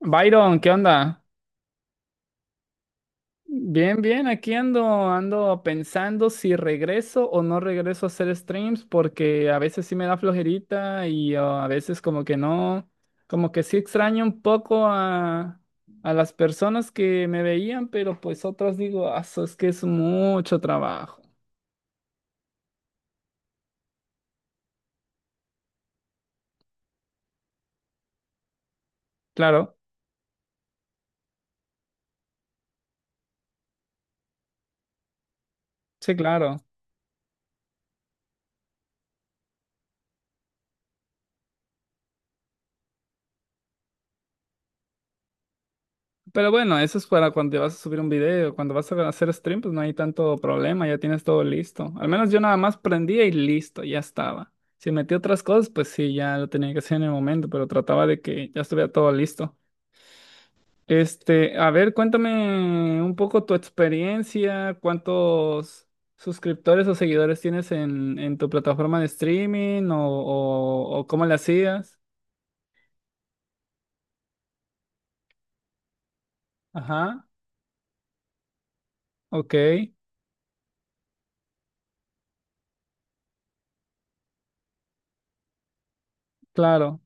Byron, ¿qué onda? Bien, bien, aquí ando, ando pensando si regreso o no regreso a hacer streams porque a veces sí me da flojerita y a veces como que no, como que sí extraño un poco a las personas que me veían, pero pues otras digo: "Ah, eso es que es mucho trabajo". Claro, sí, claro. Pero bueno, eso es para cuando vas a subir un video, cuando vas a hacer stream, pues no hay tanto problema, ya tienes todo listo. Al menos yo nada más prendía y listo, ya estaba. Si metí otras cosas, pues sí, ya lo tenía que hacer en el momento, pero trataba de que ya estuviera todo listo. Este, a ver, cuéntame un poco tu experiencia, cuántos suscriptores o seguidores tienes en tu plataforma de streaming o cómo le hacías. Ajá, ok, claro.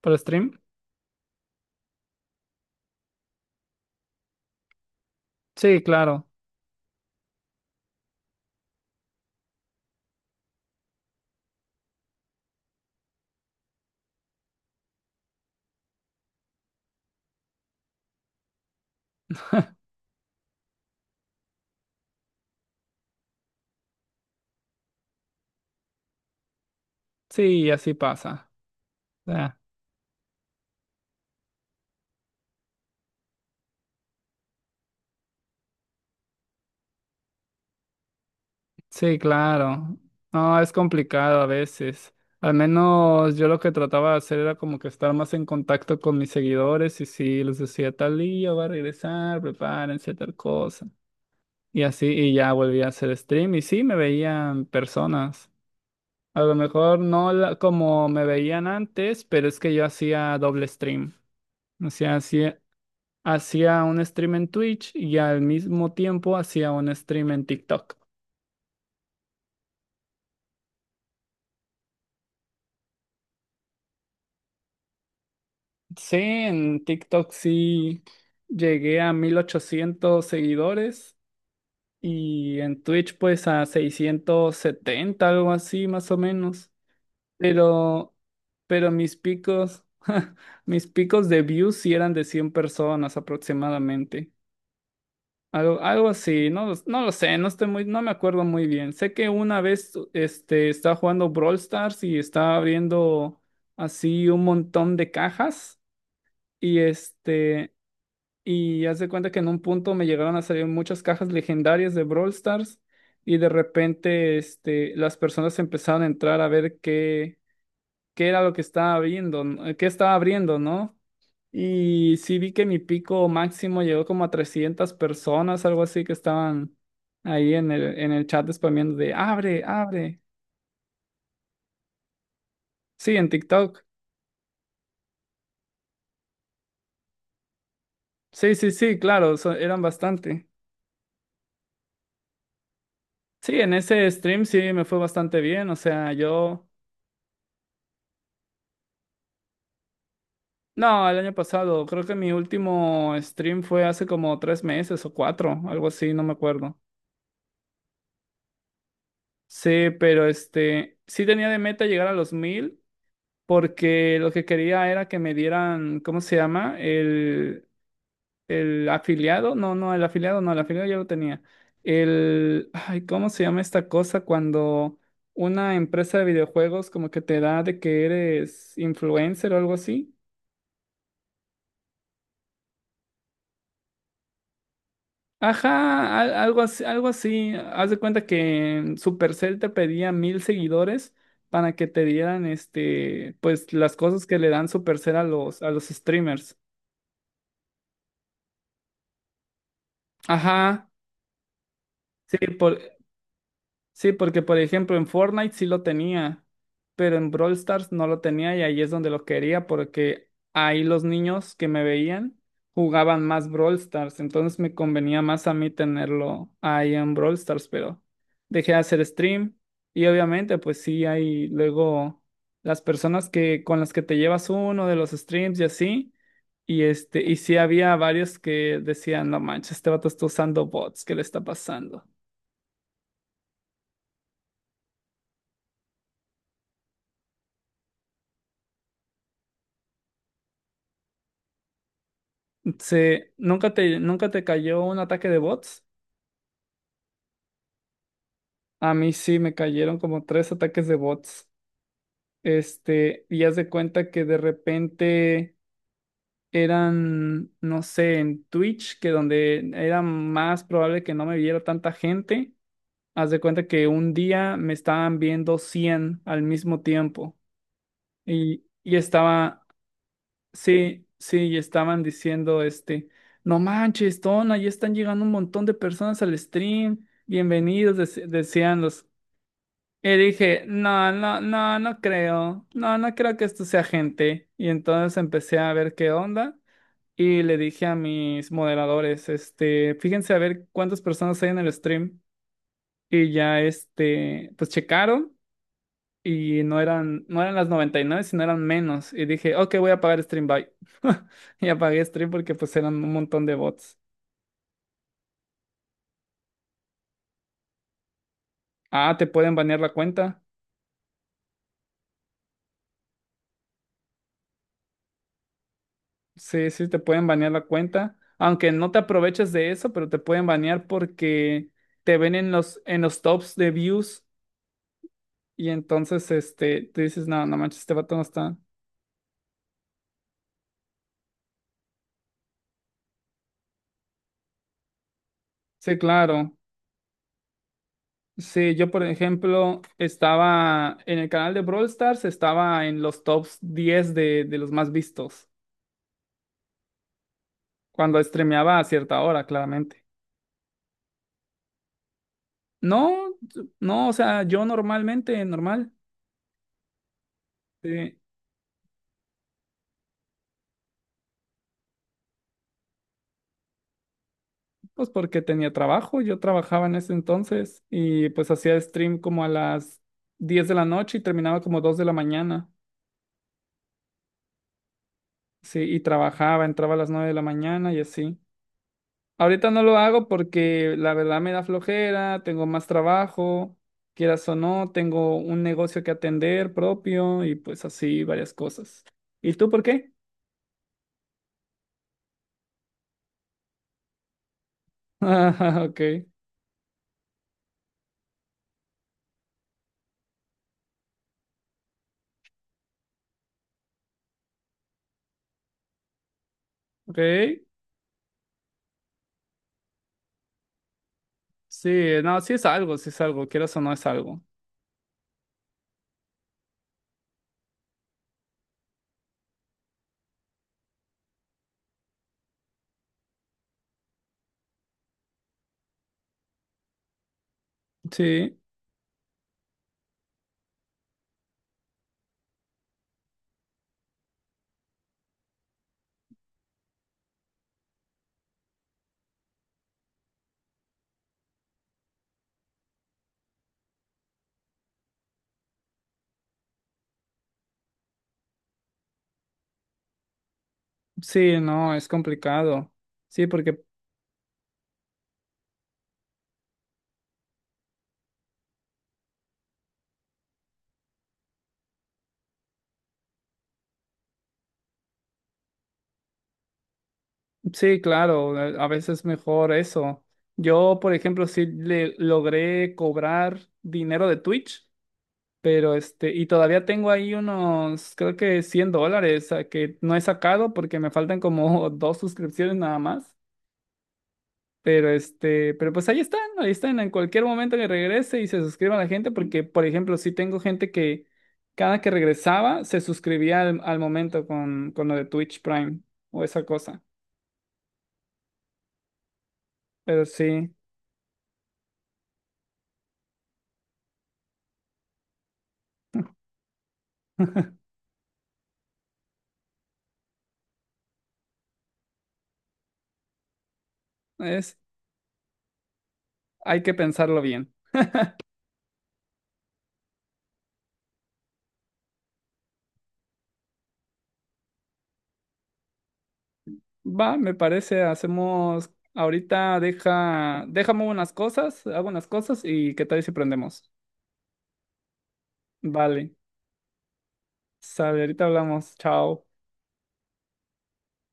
¿Por stream? Sí, claro. Sí, así pasa. Ah, sí, claro. No, es complicado a veces. Al menos yo lo que trataba de hacer era como que estar más en contacto con mis seguidores y si les decía tal día va a regresar, prepárense tal cosa. Y así, y ya volví a hacer stream y sí, me veían personas. A lo mejor no como me veían antes, pero es que yo hacía doble stream. O sea, hacía, hacía un stream en Twitch y al mismo tiempo hacía un stream en TikTok. Sí, en TikTok sí llegué a 1800 seguidores y en Twitch pues a 670, algo así, más o menos. Pero, pero mis picos, mis picos de views sí eran de 100 personas aproximadamente. Algo, algo así, no, no lo sé, no estoy muy, no me acuerdo muy bien. Sé que una vez este, estaba jugando Brawl Stars y estaba abriendo así un montón de cajas. Y este, y haz de cuenta que en un punto me llegaron a salir muchas cajas legendarias de Brawl Stars y de repente este, las personas empezaron a entrar a ver qué era lo que estaba abriendo, ¿no? Qué estaba abriendo, ¿no? Y sí vi que mi pico máximo llegó como a 300 personas, algo así, que estaban ahí en el chat spameando de abre, abre. Sí, en TikTok. Sí, sí, sí, claro, eran bastante. Sí, en ese stream sí me fue bastante bien, o sea, yo… No, el año pasado, creo que mi último stream fue hace como 3 meses o 4, algo así, no me acuerdo. Sí, pero este, sí tenía de meta llegar a los 1000, porque lo que quería era que me dieran, ¿cómo se llama? El afiliado, no, no, el afiliado, no, el afiliado ya lo tenía. El, ay, ¿cómo se llama esta cosa cuando una empresa de videojuegos como que te da de que eres influencer o algo así? Ajá, algo así, algo así. Haz de cuenta que Supercell te pedía 1000 seguidores para que te dieran este, pues las cosas que le dan Supercell a los streamers. Ajá, sí, por, sí, porque por ejemplo en Fortnite sí lo tenía, pero en Brawl Stars no lo tenía y ahí es donde lo quería porque ahí los niños que me veían jugaban más Brawl Stars, entonces me convenía más a mí tenerlo ahí en Brawl Stars, pero dejé de hacer stream y obviamente pues sí hay luego las personas que con las que te llevas uno de los streams y así. Y este, y sí había varios que decían: "No manches, este vato está usando bots, ¿qué le está pasando?". Sí, ¿nunca te, nunca te cayó un ataque de bots? A mí sí me cayeron como 3 ataques de bots. Este, y haz de cuenta que de repente eran, no sé, en Twitch, que donde era más probable que no me viera tanta gente, haz de cuenta que un día me estaban viendo 100 al mismo tiempo y estaba, sí, sí, y estaban diciendo este: "No manches, Tona, ya están llegando un montón de personas al stream, bienvenidos", decían los. Y dije: "No, no, no, no creo, no, no creo que esto sea gente". Y entonces empecé a ver qué onda y le dije a mis moderadores, este, fíjense a ver cuántas personas hay en el stream. Y ya, este, pues checaron. Y no eran las 99 sino eran menos. Y dije: "Ok, voy a apagar Stream. Bye". Y apagué Stream porque pues eran un montón de bots. Ah, ¿te pueden banear la cuenta? Sí, sí, te pueden banear la cuenta. Aunque no te aproveches de eso, pero te pueden banear porque te ven en los tops de views. Y entonces, este, tú dices: "No, no manches, este vato no está". Sí, claro. Sí, yo por ejemplo estaba en el canal de Brawl Stars, estaba en los top 10 de los más vistos. Cuando streameaba a cierta hora, claramente. No, no, o sea, yo normalmente, normal, sí, pues porque tenía trabajo, yo trabajaba en ese entonces y pues hacía stream como a las 10 de la noche y terminaba como 2 de la mañana, sí, y trabajaba, entraba a las 9 de la mañana y así. Ahorita no lo hago porque la verdad me da flojera, tengo más trabajo, quieras o no, tengo un negocio que atender propio y pues así varias cosas. ¿Y tú por qué? Ah, ok. Ok, sí, no, sí es algo, quieras o no es algo. Sí, sí, no, es complicado. Sí, porque sí, claro, a veces es mejor eso. Yo, por ejemplo, sí le logré cobrar dinero de Twitch, pero este, y todavía tengo ahí unos, creo que $100 a que no he sacado porque me faltan como 2 suscripciones nada más. Pero este, pero pues ahí están, en cualquier momento que regrese y se suscriba la gente, porque por ejemplo, sí tengo gente que cada que regresaba se suscribía al momento con lo de Twitch Prime o esa cosa. Pero sí, es, hay que pensarlo bien. Va, me parece, hacemos, ahorita deja, déjame unas cosas, hago unas cosas y qué tal si prendemos. Vale, sale, ahorita hablamos, chao.